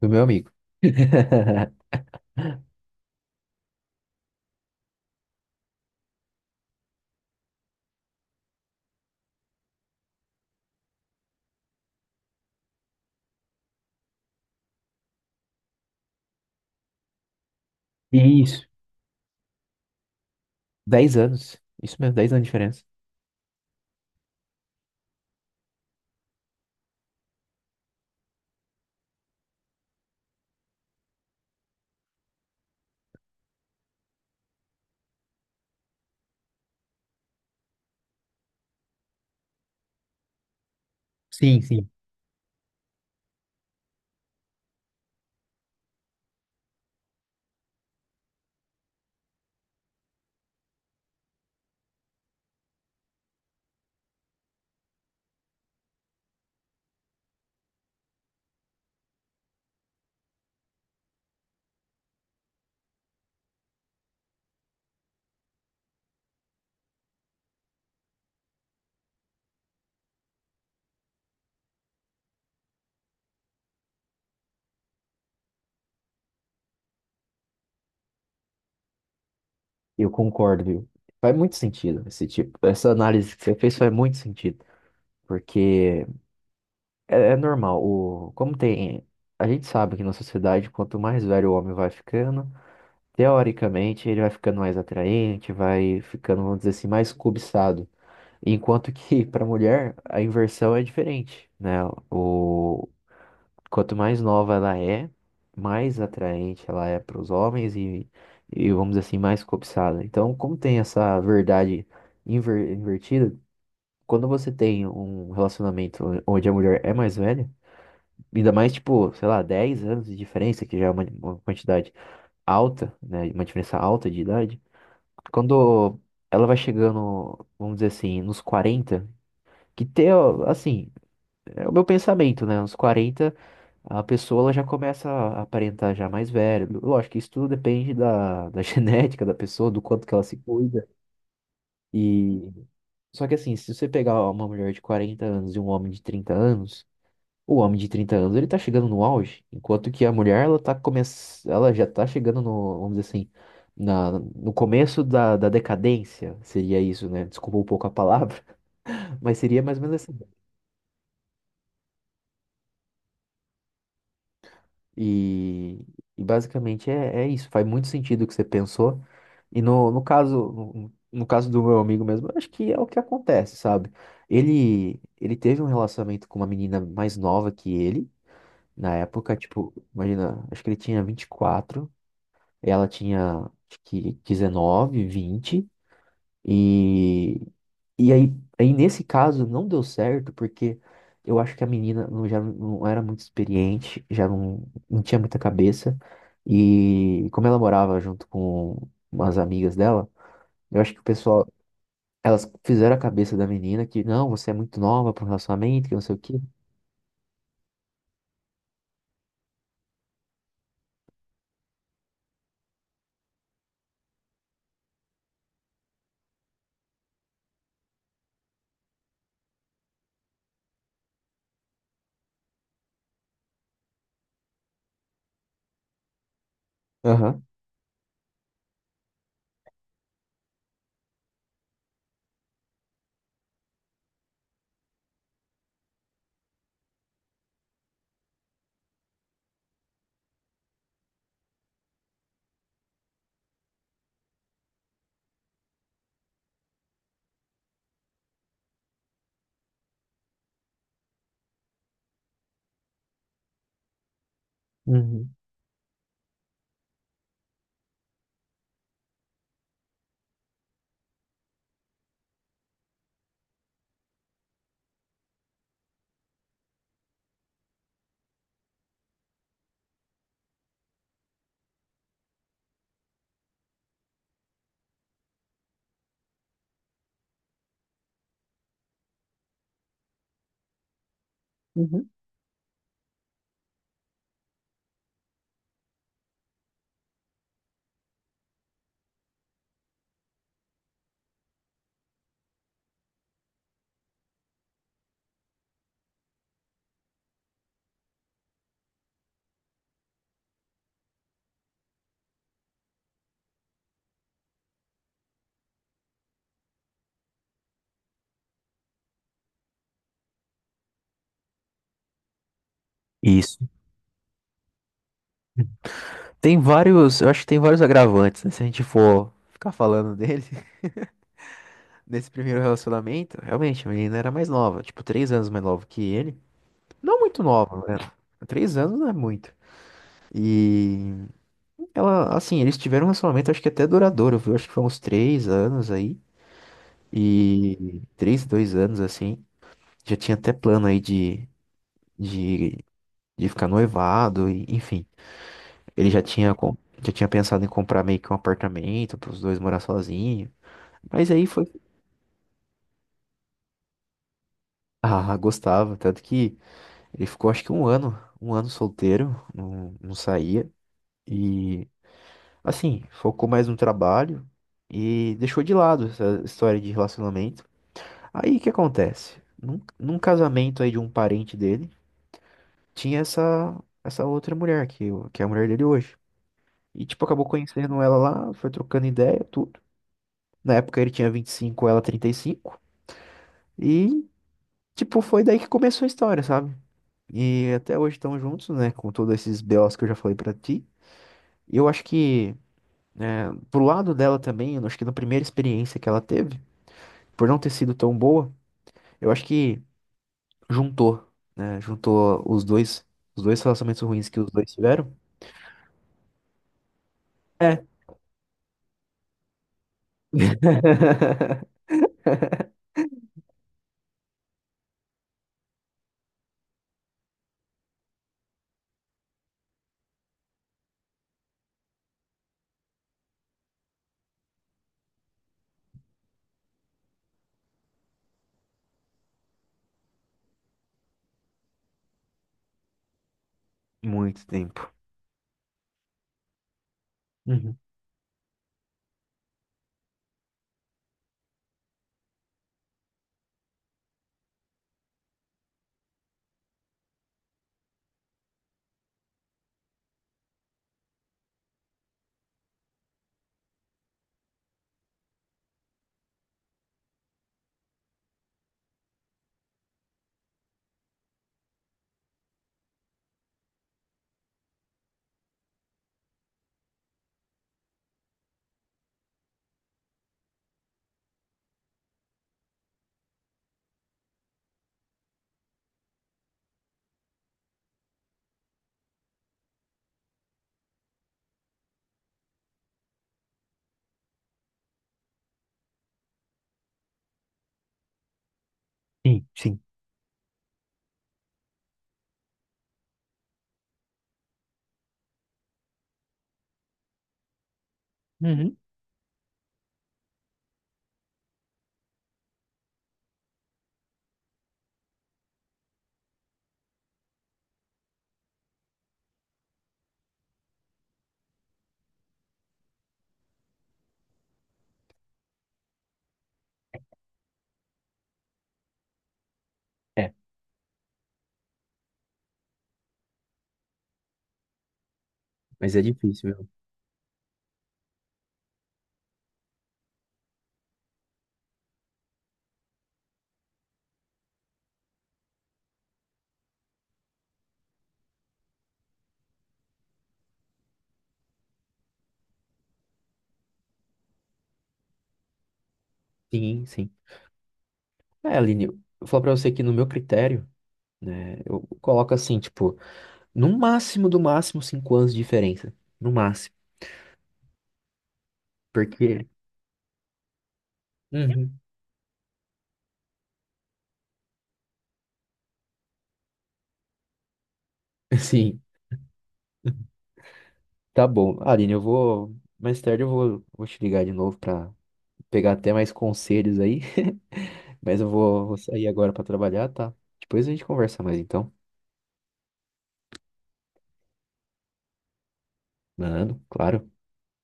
Do meu amigo. Isso, 10 anos. Isso mesmo, 10 anos de diferença. Sim, sim. Eu concordo, viu? Faz muito sentido esse tipo, essa análise que você fez faz muito sentido, porque é normal, como tem, a gente sabe que na sociedade, quanto mais velho o homem vai ficando, teoricamente ele vai ficando mais atraente, vai ficando, vamos dizer assim, mais cobiçado. Enquanto que para mulher a inversão é diferente, né? O Quanto mais nova ela é, mais atraente ela é para os homens e, vamos dizer assim, mais cobiçada. Então, como tem essa verdade invertida, quando você tem um relacionamento onde a mulher é mais velha, ainda mais, tipo, sei lá, 10 anos de diferença, que já é uma quantidade alta, né, uma diferença alta de idade, quando ela vai chegando, vamos dizer assim, nos 40, que ter, ó, assim, é o meu pensamento, né, uns 40 a pessoa ela já começa a aparentar já mais velha. Lógico que isso tudo depende da, da genética da pessoa, do quanto que ela se cuida. E só que assim, se você pegar uma mulher de 40 anos e um homem de 30 anos, o homem de 30 anos ele tá chegando no auge, enquanto que a mulher ela tá ela já tá chegando no, vamos dizer assim, no começo da decadência, seria isso, né? Desculpa um pouco a palavra, mas seria mais ou menos. E, e basicamente é isso. Faz muito sentido o que você pensou. E no caso, no caso do meu amigo mesmo, eu acho que é o que acontece, sabe? Ele teve um relacionamento com uma menina mais nova que ele. Na época, tipo, imagina, acho que ele tinha 24, ela tinha, acho que, 19, 20. E, e aí, aí, nesse caso, não deu certo, porque eu acho que a menina não, já não era muito experiente, já não, não tinha muita cabeça. E como ela morava junto com umas amigas dela, eu acho que o pessoal, elas fizeram a cabeça da menina que, não, você é muito nova para um relacionamento, que não sei o quê. Aham. Uhum. Uhum. Isso. Tem vários, eu acho que tem vários agravantes, né? Se a gente for ficar falando dele, nesse primeiro relacionamento, realmente, a menina era mais nova, tipo, 3 anos mais nova que ele. Não muito nova, né? 3 anos não é muito. E ela, assim, eles tiveram um relacionamento, acho que até duradouro, viu? Acho que foi uns 3 anos aí. E três, 2 anos, assim. Já tinha até plano aí de, de ficar noivado, e, enfim. Ele já tinha, já tinha pensado em comprar meio que um apartamento para os dois morar sozinhos. Mas aí foi. Ah, gostava. Tanto que ele ficou, acho que um ano solteiro, não, não saía. E assim, focou mais no trabalho e deixou de lado essa história de relacionamento. Aí o que acontece? Num casamento aí de um parente dele, tinha essa outra mulher que, que é a mulher dele hoje. E tipo, acabou conhecendo ela lá, foi trocando ideia, tudo. Na época ele tinha 25, ela 35, e tipo, foi daí que começou a história, sabe? E até hoje estão juntos, né, com todos esses BOs que eu já falei pra ti. E eu acho que é, pro lado dela também, eu acho que na primeira experiência que ela teve, por não ter sido tão boa, eu acho que juntou, né? Juntou os dois relacionamentos ruins que os dois tiveram. É. Muito tempo. Uhum. Sim, sim. Uhum. É, mas é difícil, viu? Sim, sim. É, Aline, eu vou falar pra você que no meu critério, né, eu coloco assim, tipo, no máximo, do máximo, 5 anos de diferença. No máximo. Porque. Uhum. Sim, tá bom. Aline, eu vou. Mais tarde eu vou te ligar de novo pra pegar até mais conselhos aí. Mas eu vou sair agora pra trabalhar, tá? Depois a gente conversa mais então. Mano, claro.